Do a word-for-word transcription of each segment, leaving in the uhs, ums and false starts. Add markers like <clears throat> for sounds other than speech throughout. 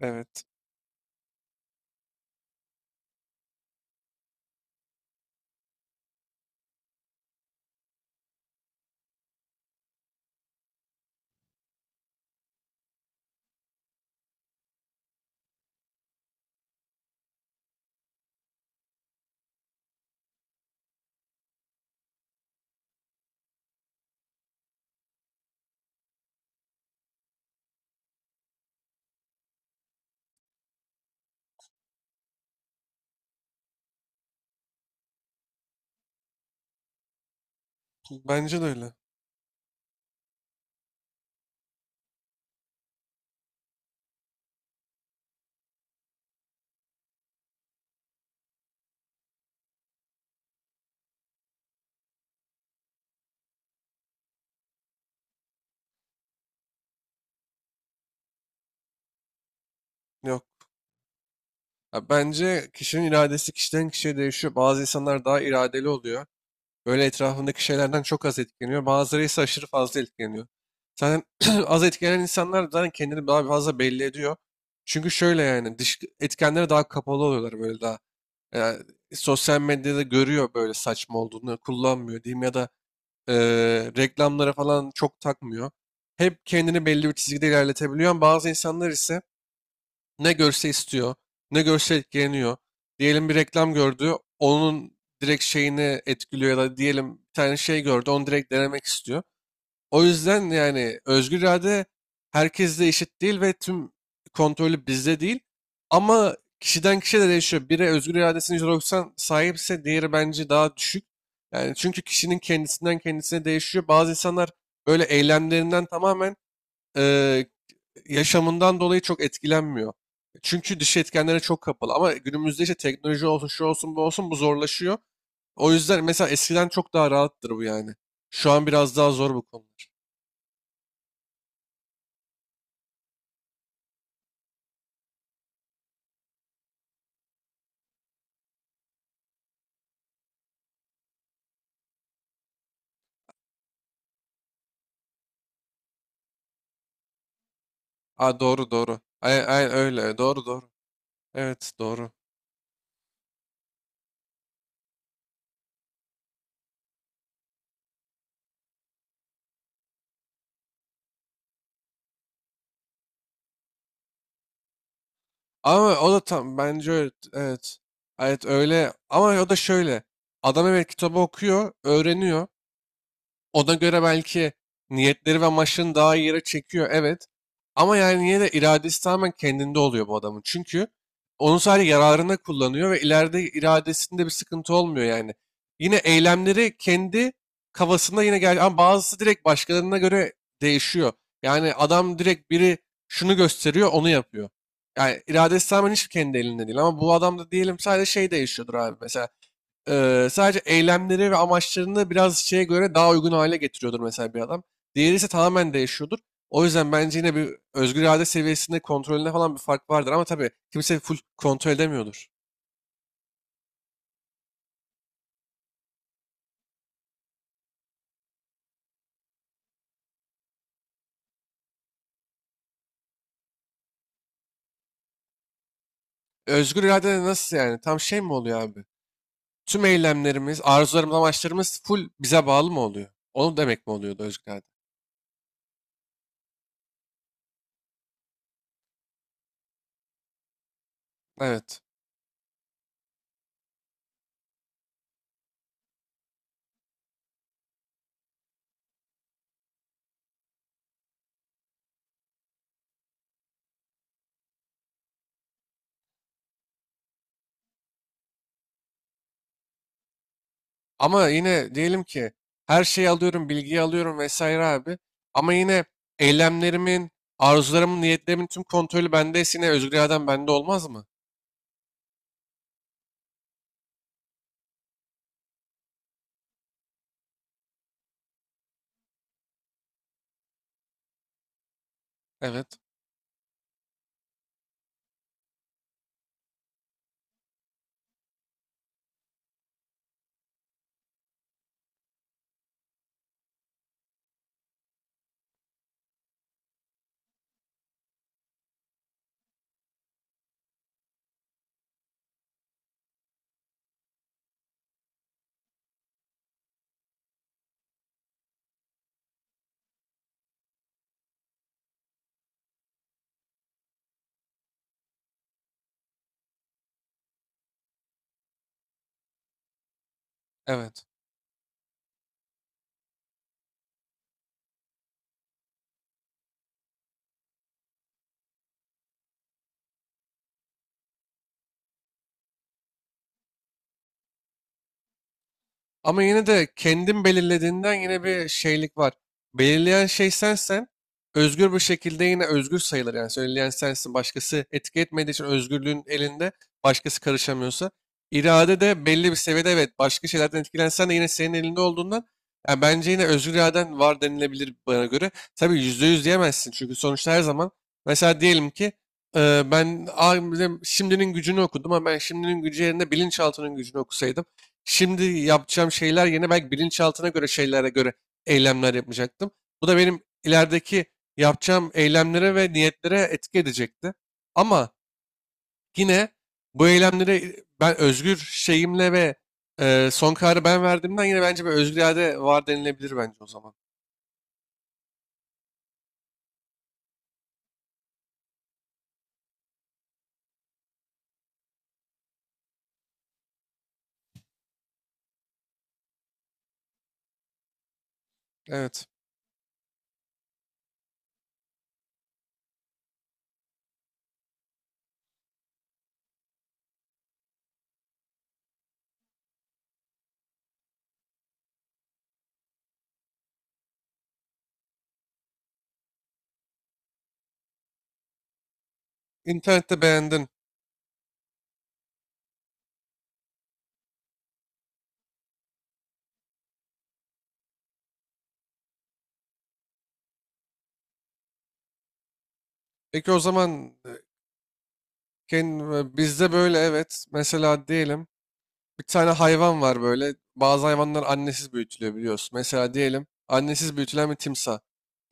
Evet. Bence de öyle. Yok. Ya bence kişinin iradesi kişiden kişiye değişiyor. Bazı insanlar daha iradeli oluyor. Böyle etrafındaki şeylerden çok az etkileniyor. Bazıları ise aşırı fazla etkileniyor. Zaten <clears throat> az etkilenen insanlar zaten kendini daha fazla belli ediyor. Çünkü şöyle yani dış etkenlere daha kapalı oluyorlar böyle daha. Yani sosyal medyada görüyor böyle saçma olduğunu kullanmıyor diyeyim ya da e, reklamlara falan çok takmıyor. Hep kendini belli bir çizgide ilerletebiliyor. Bazı insanlar ise ne görse istiyor, ne görse etkileniyor. Diyelim bir reklam gördü, onun direkt şeyini etkiliyor ya da diyelim bir tane şey gördü, onu direkt denemek istiyor. O yüzden yani özgür irade herkeste eşit değil ve tüm kontrolü bizde değil. Ama kişiden kişiye de değişiyor. Biri özgür iradesinin yüzde doksan sahipse diğeri bence daha düşük. Yani çünkü kişinin kendisinden kendisine değişiyor. Bazı insanlar böyle eylemlerinden tamamen eee, yaşamından dolayı çok etkilenmiyor. Çünkü dış etkenlere çok kapalı. Ama günümüzde işte teknoloji olsun, şu olsun, bu olsun bu zorlaşıyor. O yüzden mesela eskiden çok daha rahattır bu yani. Şu an biraz daha zor bu konular. Aa, doğru doğru. Ay, ay, öyle doğru doğru. Evet doğru. Ama o da tam bence öyle. Evet. Evet öyle. Ama o da şöyle. Adam evet kitabı okuyor, öğreniyor. Ona göre belki niyetleri ve amaçlarını daha iyi yere çekiyor. Evet. Ama yani yine de iradesi tamamen kendinde oluyor bu adamın. Çünkü onu sadece yararına kullanıyor ve ileride iradesinde bir sıkıntı olmuyor yani. Yine eylemleri kendi kafasında yine gel ama bazısı direkt başkalarına göre değişiyor. Yani adam direkt biri şunu gösteriyor, onu yapıyor. Yani iradesi tamamen hiç kendi elinde değil ama bu adamda diyelim sadece şey değişiyordur abi mesela. Eee, sadece eylemleri ve amaçlarını biraz şeye göre daha uygun hale getiriyordur mesela bir adam. Diğeri ise tamamen değişiyordur. O yüzden bence yine bir özgür irade seviyesinde kontrolünde falan bir fark vardır ama tabii kimse full kontrol edemiyordur. Özgür irade de nasıl yani? Tam şey mi oluyor abi? Tüm eylemlerimiz, arzularımız, amaçlarımız full bize bağlı mı oluyor? Onu demek mi oluyordu özgür irade? Evet. Ama yine diyelim ki her şeyi alıyorum, bilgiyi alıyorum vesaire abi. Ama yine eylemlerimin, arzularımın, niyetlerimin tüm kontrolü bendeyse yine özgür iradem bende olmaz mı? Evet, evet. Ama yine de kendin belirlediğinden yine bir şeylik var. Belirleyen şey sensen özgür bir şekilde yine özgür sayılır. Yani söyleyen sensin. Başkası etki etmediği için özgürlüğün elinde başkası karışamıyorsa. İrade de belli bir seviyede evet başka şeylerden etkilensen de yine senin elinde olduğundan yani bence yine özgür iraden var denilebilir bana göre. Tabii yüzde yüz diyemezsin çünkü sonuçta her zaman mesela diyelim ki e, ben "Aa, bizim şimdinin gücünü okudum ama ben şimdinin gücü yerine bilinçaltının gücünü okusaydım şimdi yapacağım şeyler yerine belki bilinçaltına göre şeylere göre eylemler yapacaktım. Bu da benim ilerideki yapacağım eylemlere ve niyetlere etki edecekti. Ama yine bu eylemleri ben özgür şeyimle ve e, son kararı ben verdiğimden yine bence bir özgür irade var denilebilir bence o zaman. Evet. İnternette beğendin. Peki o zaman e, kend- bizde böyle evet. Mesela diyelim. Bir tane hayvan var böyle. Bazı hayvanlar annesiz büyütülüyor biliyorsun. Mesela diyelim annesiz büyütülen bir timsah.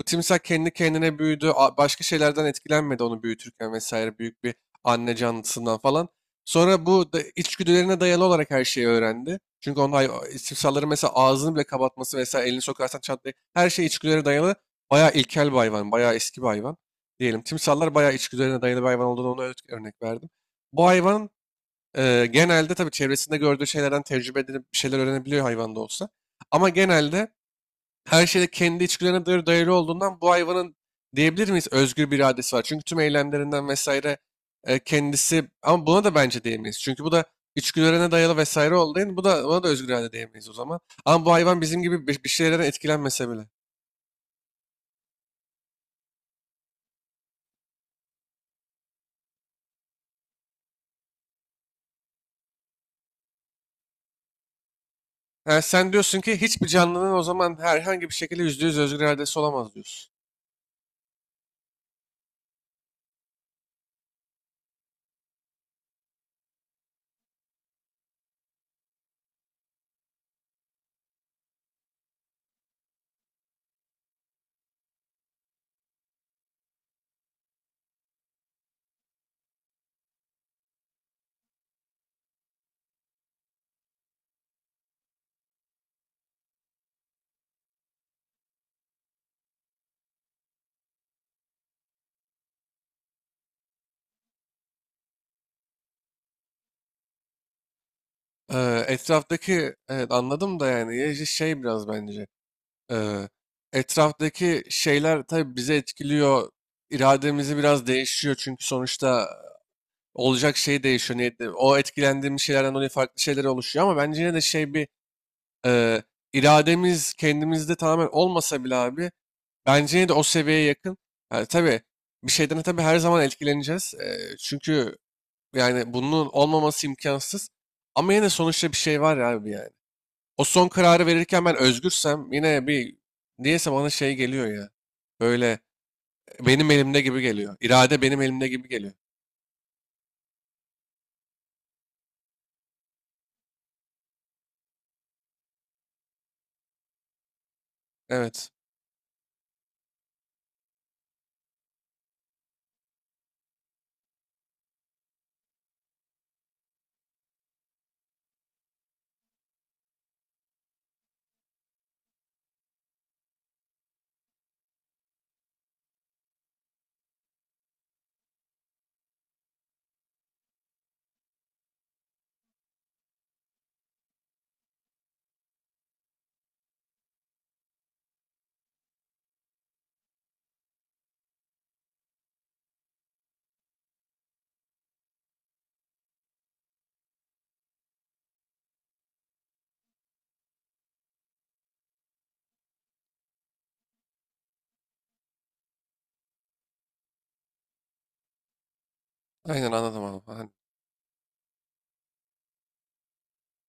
Bu timsah kendi kendine büyüdü. A- Başka şeylerden etkilenmedi onu büyütürken vesaire büyük bir anne canlısından falan. Sonra bu da içgüdülerine dayalı olarak her şeyi öğrendi. Çünkü onun hay timsahların mesela ağzını bile kapatması vesaire elini sokarsan çatlayı her şey içgüdülere dayalı. Bayağı ilkel bir hayvan, bayağı eski bir hayvan. Diyelim timsahlar bayağı içgüdülerine dayalı bir hayvan olduğunu ona örnek verdim. Bu hayvan ee, genelde tabii çevresinde gördüğü şeylerden tecrübe edinip bir şeyler öğrenebiliyor hayvan da olsa. Ama genelde her şeyde kendi içgüdülerine dayalı dayalı olduğundan bu hayvanın diyebilir miyiz özgür bir iradesi var. Çünkü tüm eylemlerinden vesaire e, kendisi ama buna da bence diyemeyiz. Çünkü bu da içgüdülerine dayalı vesaire olduğu için bu da buna da özgür irade diyemeyiz o zaman. Ama bu hayvan bizim gibi bir, bir şeylerden etkilenmese bile. Ha, sen diyorsun ki hiçbir canlının o zaman herhangi bir şekilde yüzde yüz özgür iradesi olamaz diyorsun. Eee, etraftaki evet anladım da yani ya işte şey biraz bence eee, etraftaki şeyler tabii bizi etkiliyor irademizi biraz değişiyor çünkü sonuçta olacak şey değişiyor niyetli o etkilendiğimiz şeylerden dolayı farklı şeyler oluşuyor ama bence yine de şey bir eee, irademiz kendimizde tamamen olmasa bile abi bence yine de o seviyeye yakın yani tabii bir şeyden tabii her zaman etkileneceğiz. Eee, çünkü yani bunun olmaması imkansız ama yine de sonuçta bir şey var ya abi yani. O son kararı verirken ben özgürsem yine bir niyeyse bana şey geliyor ya. Böyle benim elimde gibi geliyor. İrade benim elimde gibi geliyor. Evet. Aynen anladım abi.